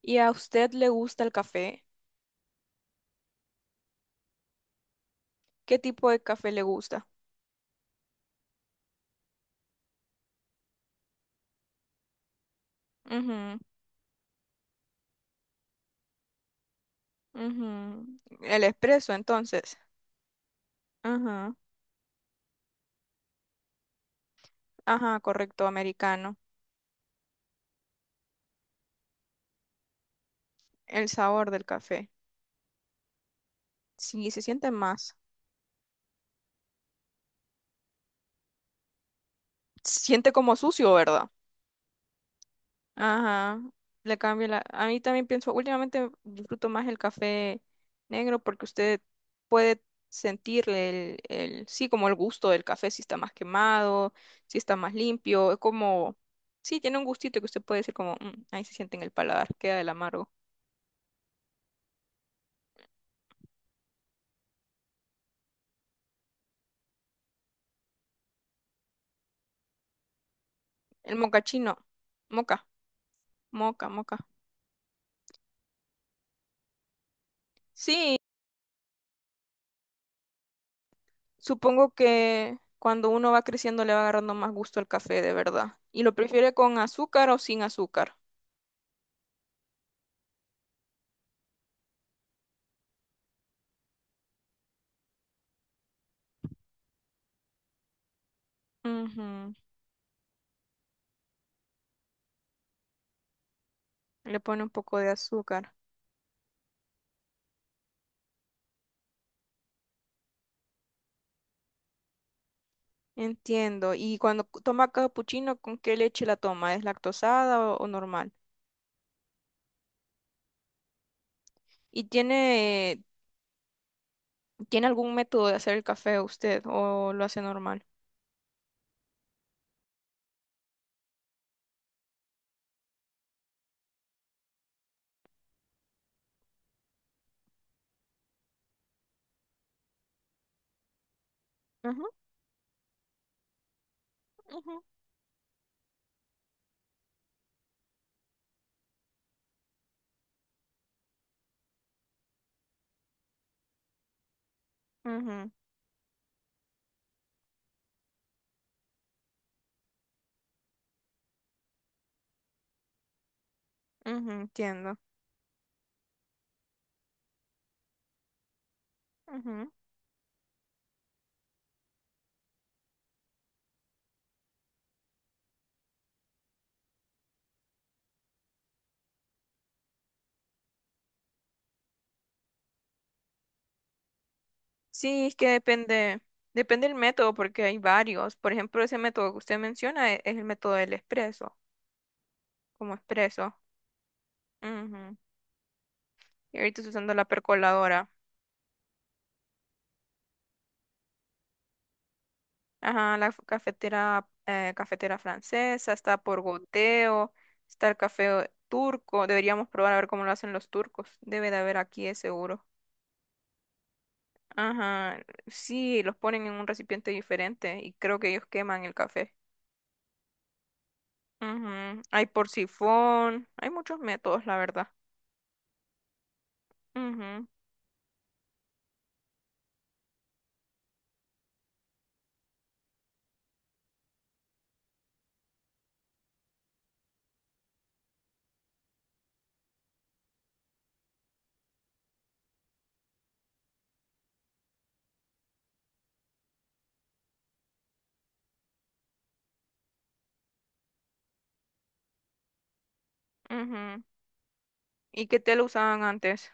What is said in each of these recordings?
¿Y a usted le gusta el café? ¿Qué tipo de café le gusta? Ujú, ujú. El espresso, entonces. Ajá, ajá, correcto, americano. El sabor del café. Sí, se siente más. Se siente como sucio, ¿verdad? Ajá, le cambio la... A mí también pienso, últimamente disfruto más el café negro porque usted puede sentirle sí, como el gusto del café, si está más quemado, si está más limpio, es como, sí, tiene un gustito que usted puede decir como, "Mm, ahí se siente en el paladar, queda del amargo. El mocachino, moca, moca, moca. Sí, supongo que cuando uno va creciendo le va agarrando más gusto al café, de verdad. ¿Y lo prefiere con azúcar o sin azúcar? Ujú. Le pone un poco de azúcar. Entiendo. Y toma capuchino, ¿con qué leche la toma? ¿Es lactosada o normal? ¿Y tiene, tiene algún método de hacer el café usted o lo hace normal? Ujú, ujú, ujú, ujú, entiendo. Ujú. Sí, es que depende, depende del método porque hay varios. Por ejemplo, ese método que usted menciona es, el método del expreso, como expreso. Ujú. Y ahorita estoy usando la percoladora. Ajá, la cafetera francesa, está por goteo, está el café turco. Deberíamos probar a ver cómo lo hacen los turcos. Debe de haber aquí, es seguro. Ajá, sí, los ponen en un recipiente diferente y creo que ellos queman el café. Ujú, hay por sifón, hay muchos métodos, la verdad. Ujú, ujú. ¿Y qué té lo usaban antes?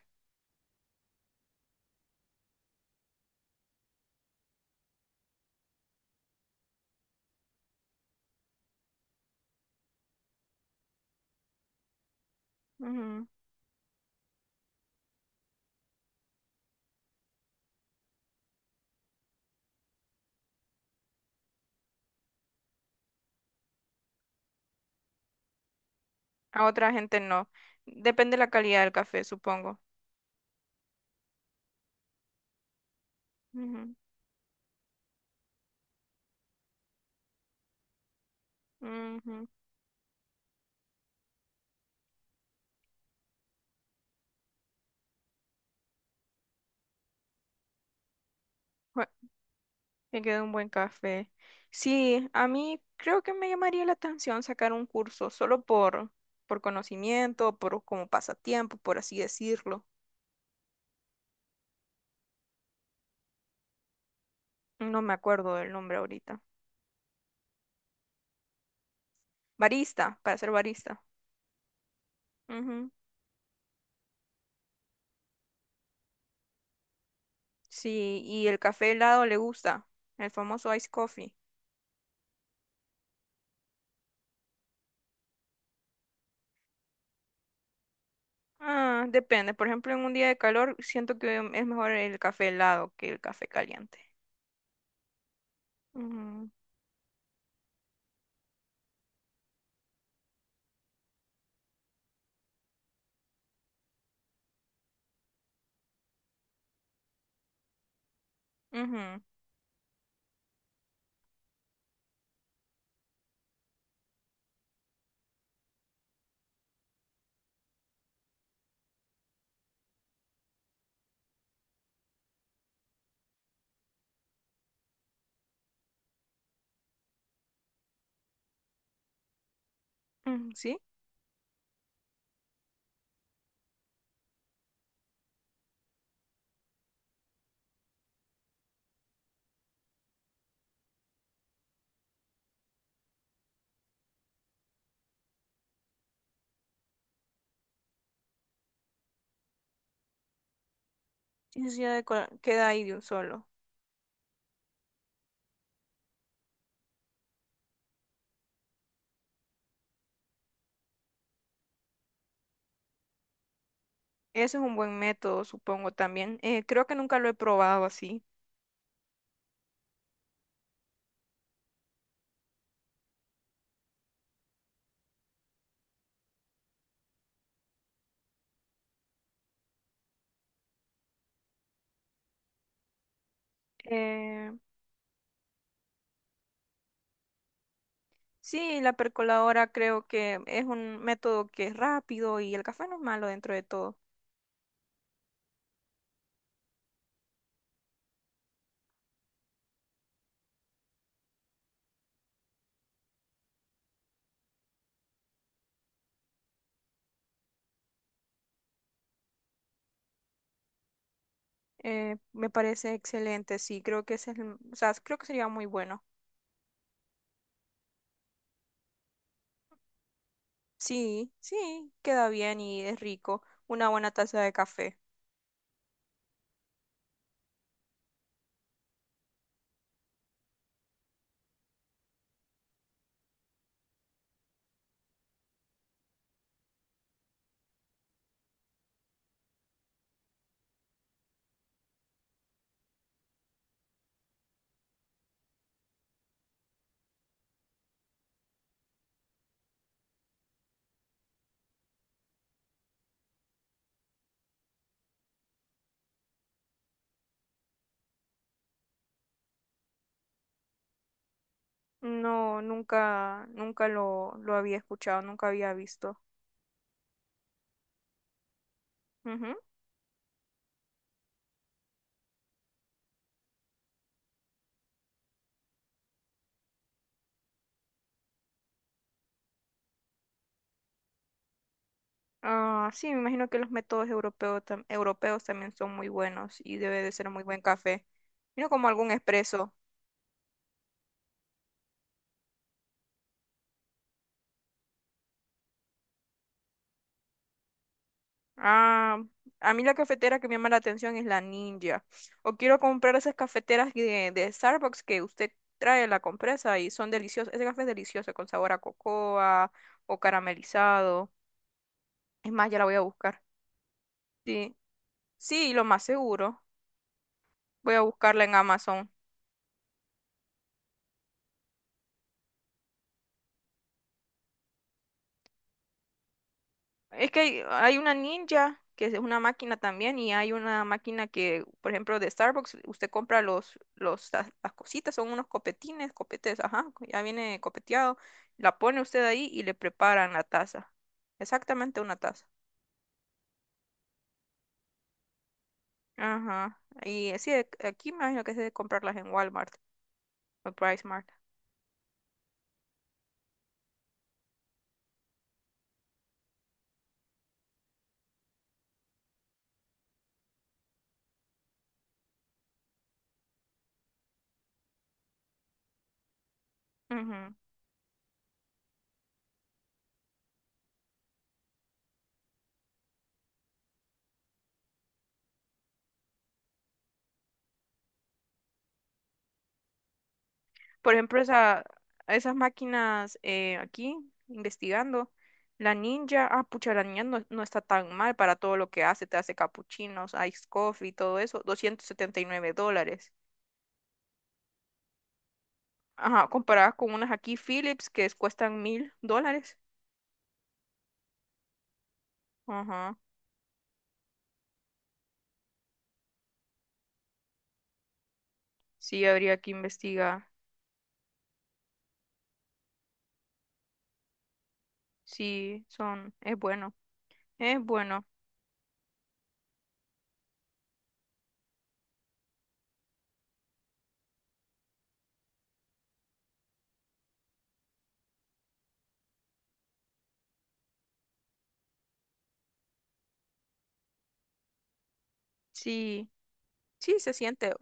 Ujú. A otra gente no. Depende de la calidad del café, supongo. Ujú, ujú. Me queda un buen café. Sí, a mí creo que me llamaría la atención sacar un curso solo por conocimiento, por como pasatiempo, por así decirlo. No me acuerdo del nombre ahorita. Barista, para ser barista. Ujú. Sí, y el café helado le gusta, el famoso ice coffee. Ah, depende. Por ejemplo, en un día de calor siento que es mejor el café helado que el café caliente. Ujú, ujú, ujú, ¿sí? Sí, sí, ya de queda ahí de un solo. Eso es un buen método, supongo también. Creo que nunca lo he probado así. Eh, sí, la percoladora creo que es un método que es rápido y el café no es malo dentro de todo. Me parece excelente, sí, creo que ese es o sea, creo que sería muy bueno. Sí, sí, queda bien y es rico. Una buena taza de café. No, nunca, nunca lo había escuchado, nunca había visto. Ujú. Ah, sí, me imagino que los métodos europeos, europeos también son muy buenos y debe de ser muy buen café. Mira como algún expreso. Ah, a mí la cafetera que me llama la atención es la Ninja. O quiero comprar esas cafeteras de Starbucks que usted trae la compresa y son deliciosas. Ese café es delicioso con sabor a cocoa o caramelizado. Es más, ya la voy a buscar. Sí, sí, lo más seguro. Voy a buscarla en Amazon. Es que hay una ninja, que es una máquina también, y hay una máquina que, por ejemplo, de Starbucks, usted compra las cositas, son unos copetines, copetes, ajá, ya viene copeteado, la pone usted ahí y le preparan la taza. Exactamente una taza. Ajá. Y sí, aquí me imagino que es de comprarlas en Walmart o PriceMart. Mart. Por ejemplo, esa, esas máquinas aquí, investigando, la ninja, ah, pucha, la ninja no, no está tan mal para todo lo que hace, te hace capuchinos, ice coffee, todo eso, $279. Ajá, comparadas con unas aquí Philips que cuestan $1,000. Ajá, sí, habría que investigar. Sí, son, es bueno, es bueno. Sí, sí, se siente,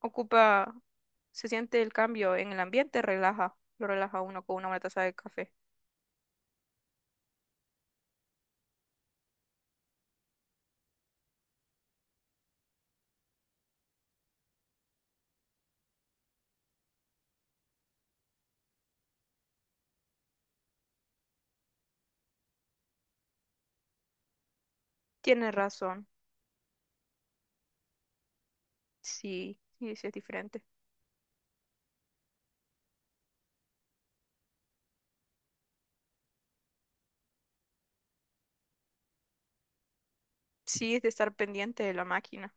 ocupa, se siente el cambio en el ambiente, relaja, lo relaja uno con una buena taza de café. Tiene razón. Sí, sí, sí es diferente. Sí, es de estar pendiente de la máquina.